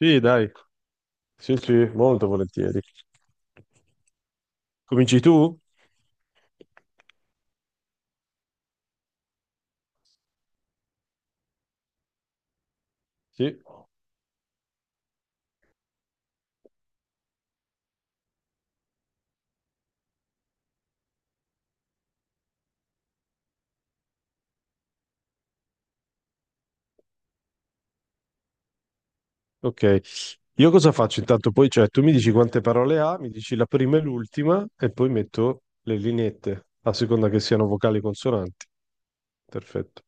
Sì, dai, sì, sì, molto volentieri. Cominci tu? Sì, ok. Io cosa faccio intanto? Poi, cioè, tu mi dici quante parole ha, mi dici la prima e l'ultima e poi metto le lineette, a seconda che siano vocali consonanti. Perfetto.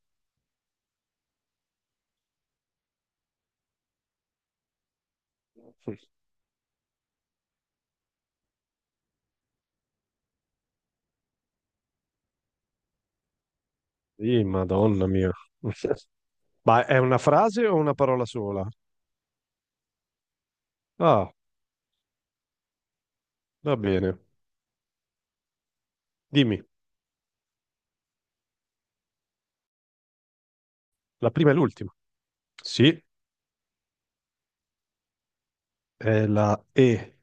Sì, madonna mia. Ma è una frase o una parola sola? Ah, va bene. Dimmi, la prima e l'ultima. Sì, è la E.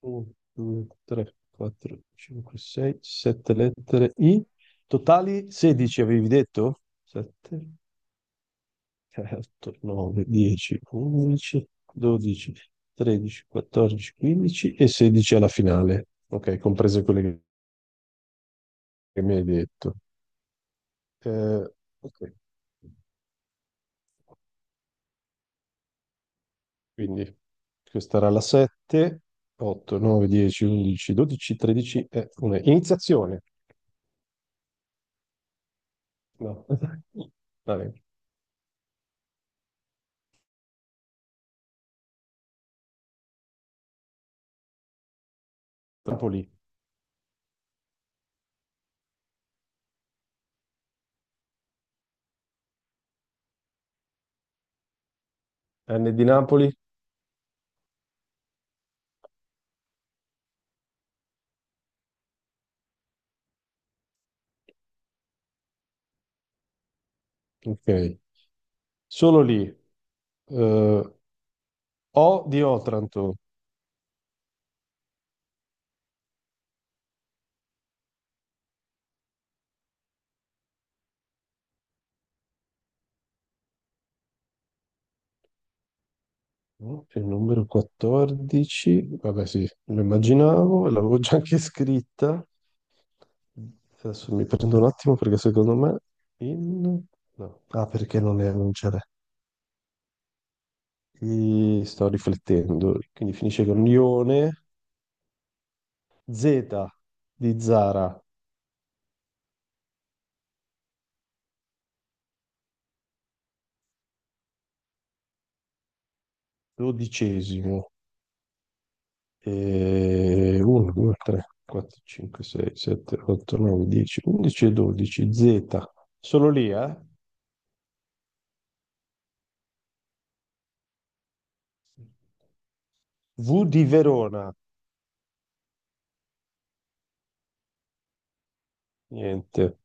1, 2, 3, 4, 5, 6, 7 lettere I. Totali 16 avevi detto? 7, 8, 9, 10, 11, 12, 13, 14, 15 e 16 alla finale. Ok, comprese quelle che mi hai detto. Eh, ok, quindi questa era la 7, 8, 9, 10, 11, 12, 13 e una iniziazione. No. Va bene. Napoli. N di Napoli. Ok, solo lì. Eh, O di Otranto, no? Il numero 14, vabbè sì, lo immaginavo, l'avevo già anche scritta. Adesso mi prendo un attimo perché secondo me in... no. Ah, perché non è, non ce l'è. Sto riflettendo, quindi finisce con Ione, Z di Zara, dodicesimo. E 1, 2, 3, 4, 5, 6, 7, 8, 9, 10, 11 e 12. Z. Solo lì, eh? V di Verona. Niente.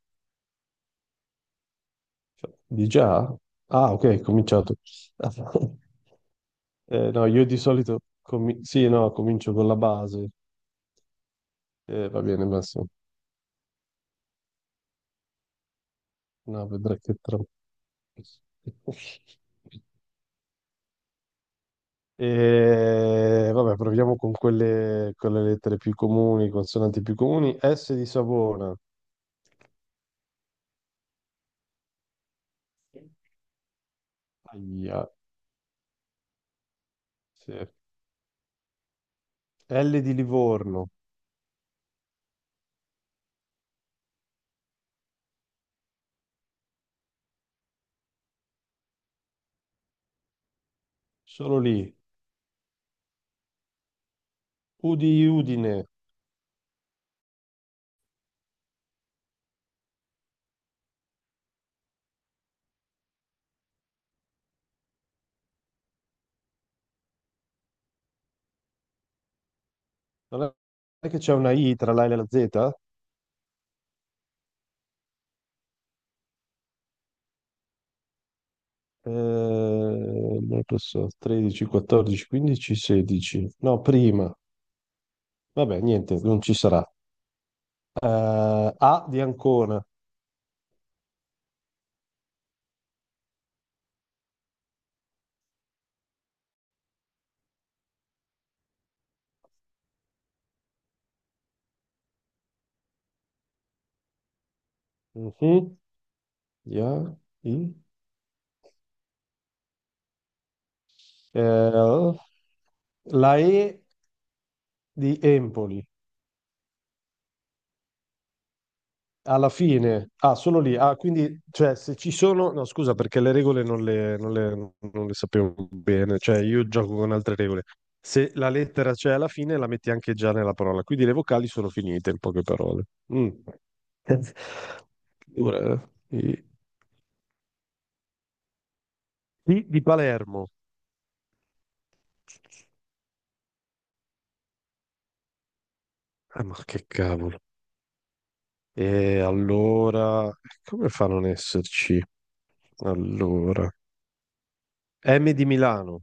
Cioè, di già? Ah, ok, è cominciato. No, io di solito, sì, no, comincio con la base. Va bene, Massimo. No, vedrai che tra. E vabbè, proviamo con quelle, con le lettere più comuni, consonanti più comuni. S di Savona, aia, sì. L di Livorno, solo lì. U di Udine, non è che c'è una I tra la L e la Z? Non lo so, 13, 14, 15, 16. No, prima. Vabbè, niente, non ci sarà. Eh, A di Ancona. Mhm. Ya, I. Eh, la E di Empoli alla fine, ah, solo lì. Ah, quindi, cioè, se ci sono, no, scusa, perché le regole non le sapevo bene. Cioè, io gioco con altre regole. Se la lettera c'è alla fine, la metti anche già nella parola. Quindi le vocali sono finite, in poche parole. Mm. Ora, di Palermo. Ah, ma che cavolo. E allora, come fa a non esserci? Allora, M di Milano.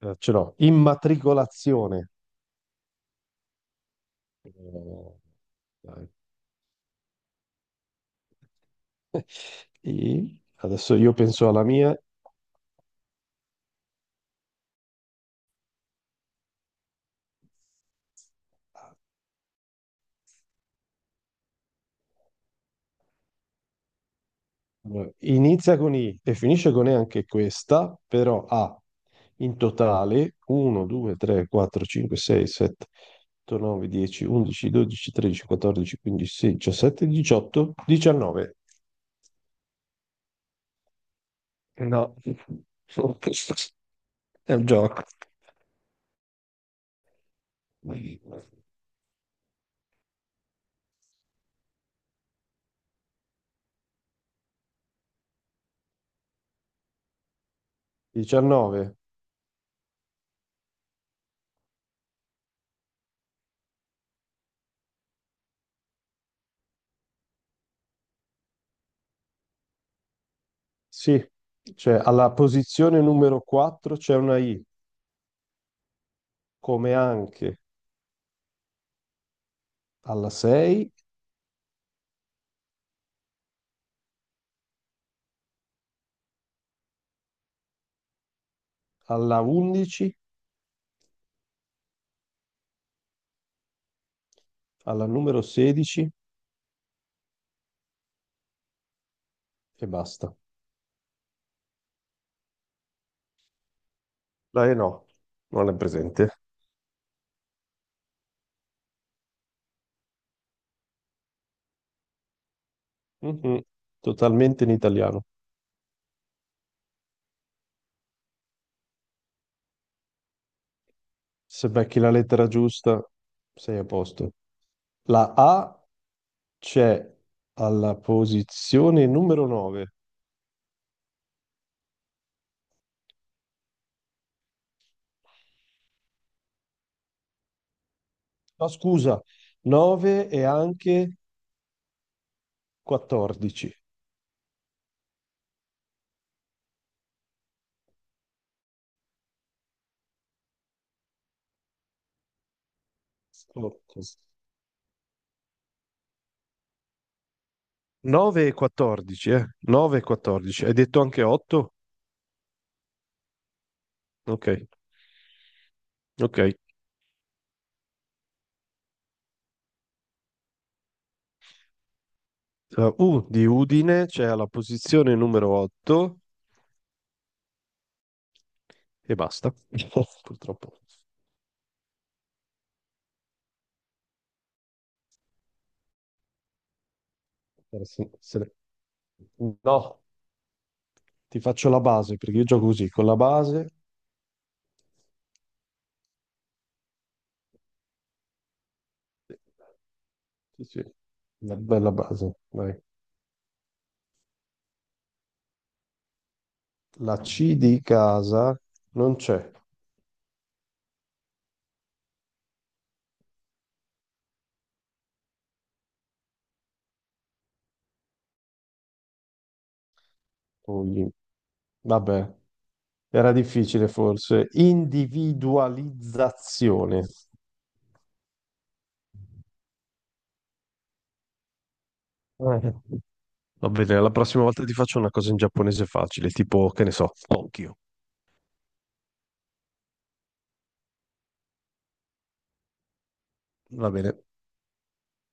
Ce l'ho, immatricolazione. Eh, dai. Adesso io penso alla mia. Allora, inizia con I e finisce con E anche questa, però ha in totale 1, 2, 3, 4, 5, 6, 7, 8, 9, 10, 11, 12, 13, 14, 15, 16, 17, 18, 19. No. È un gioco. 19. Sì, cioè alla posizione numero 4 c'è una I, come anche alla 6, alla 11, alla numero 16 e basta. La E no, non è presente. Mhm. Totalmente in italiano. Se becchi la lettera giusta, sei a posto. La A c'è alla posizione numero 9. No, scusa, 9 e anche 14. Ok. 9 e 14, eh? 9 e 14. Hai detto anche 8? Ok, ok. U di Udine c'è alla posizione numero 8 e basta. Oh, purtroppo. Se ne- No, ti faccio la base perché io gioco così, con la base. Sì, sì, una bella base. Vai. La C di casa non c'è. Poi, vabbè, era difficile forse. Individualizzazione. Eh. Va bene, la prossima volta ti faccio una cosa in giapponese facile, tipo, che ne so, Tokyo. Va bene.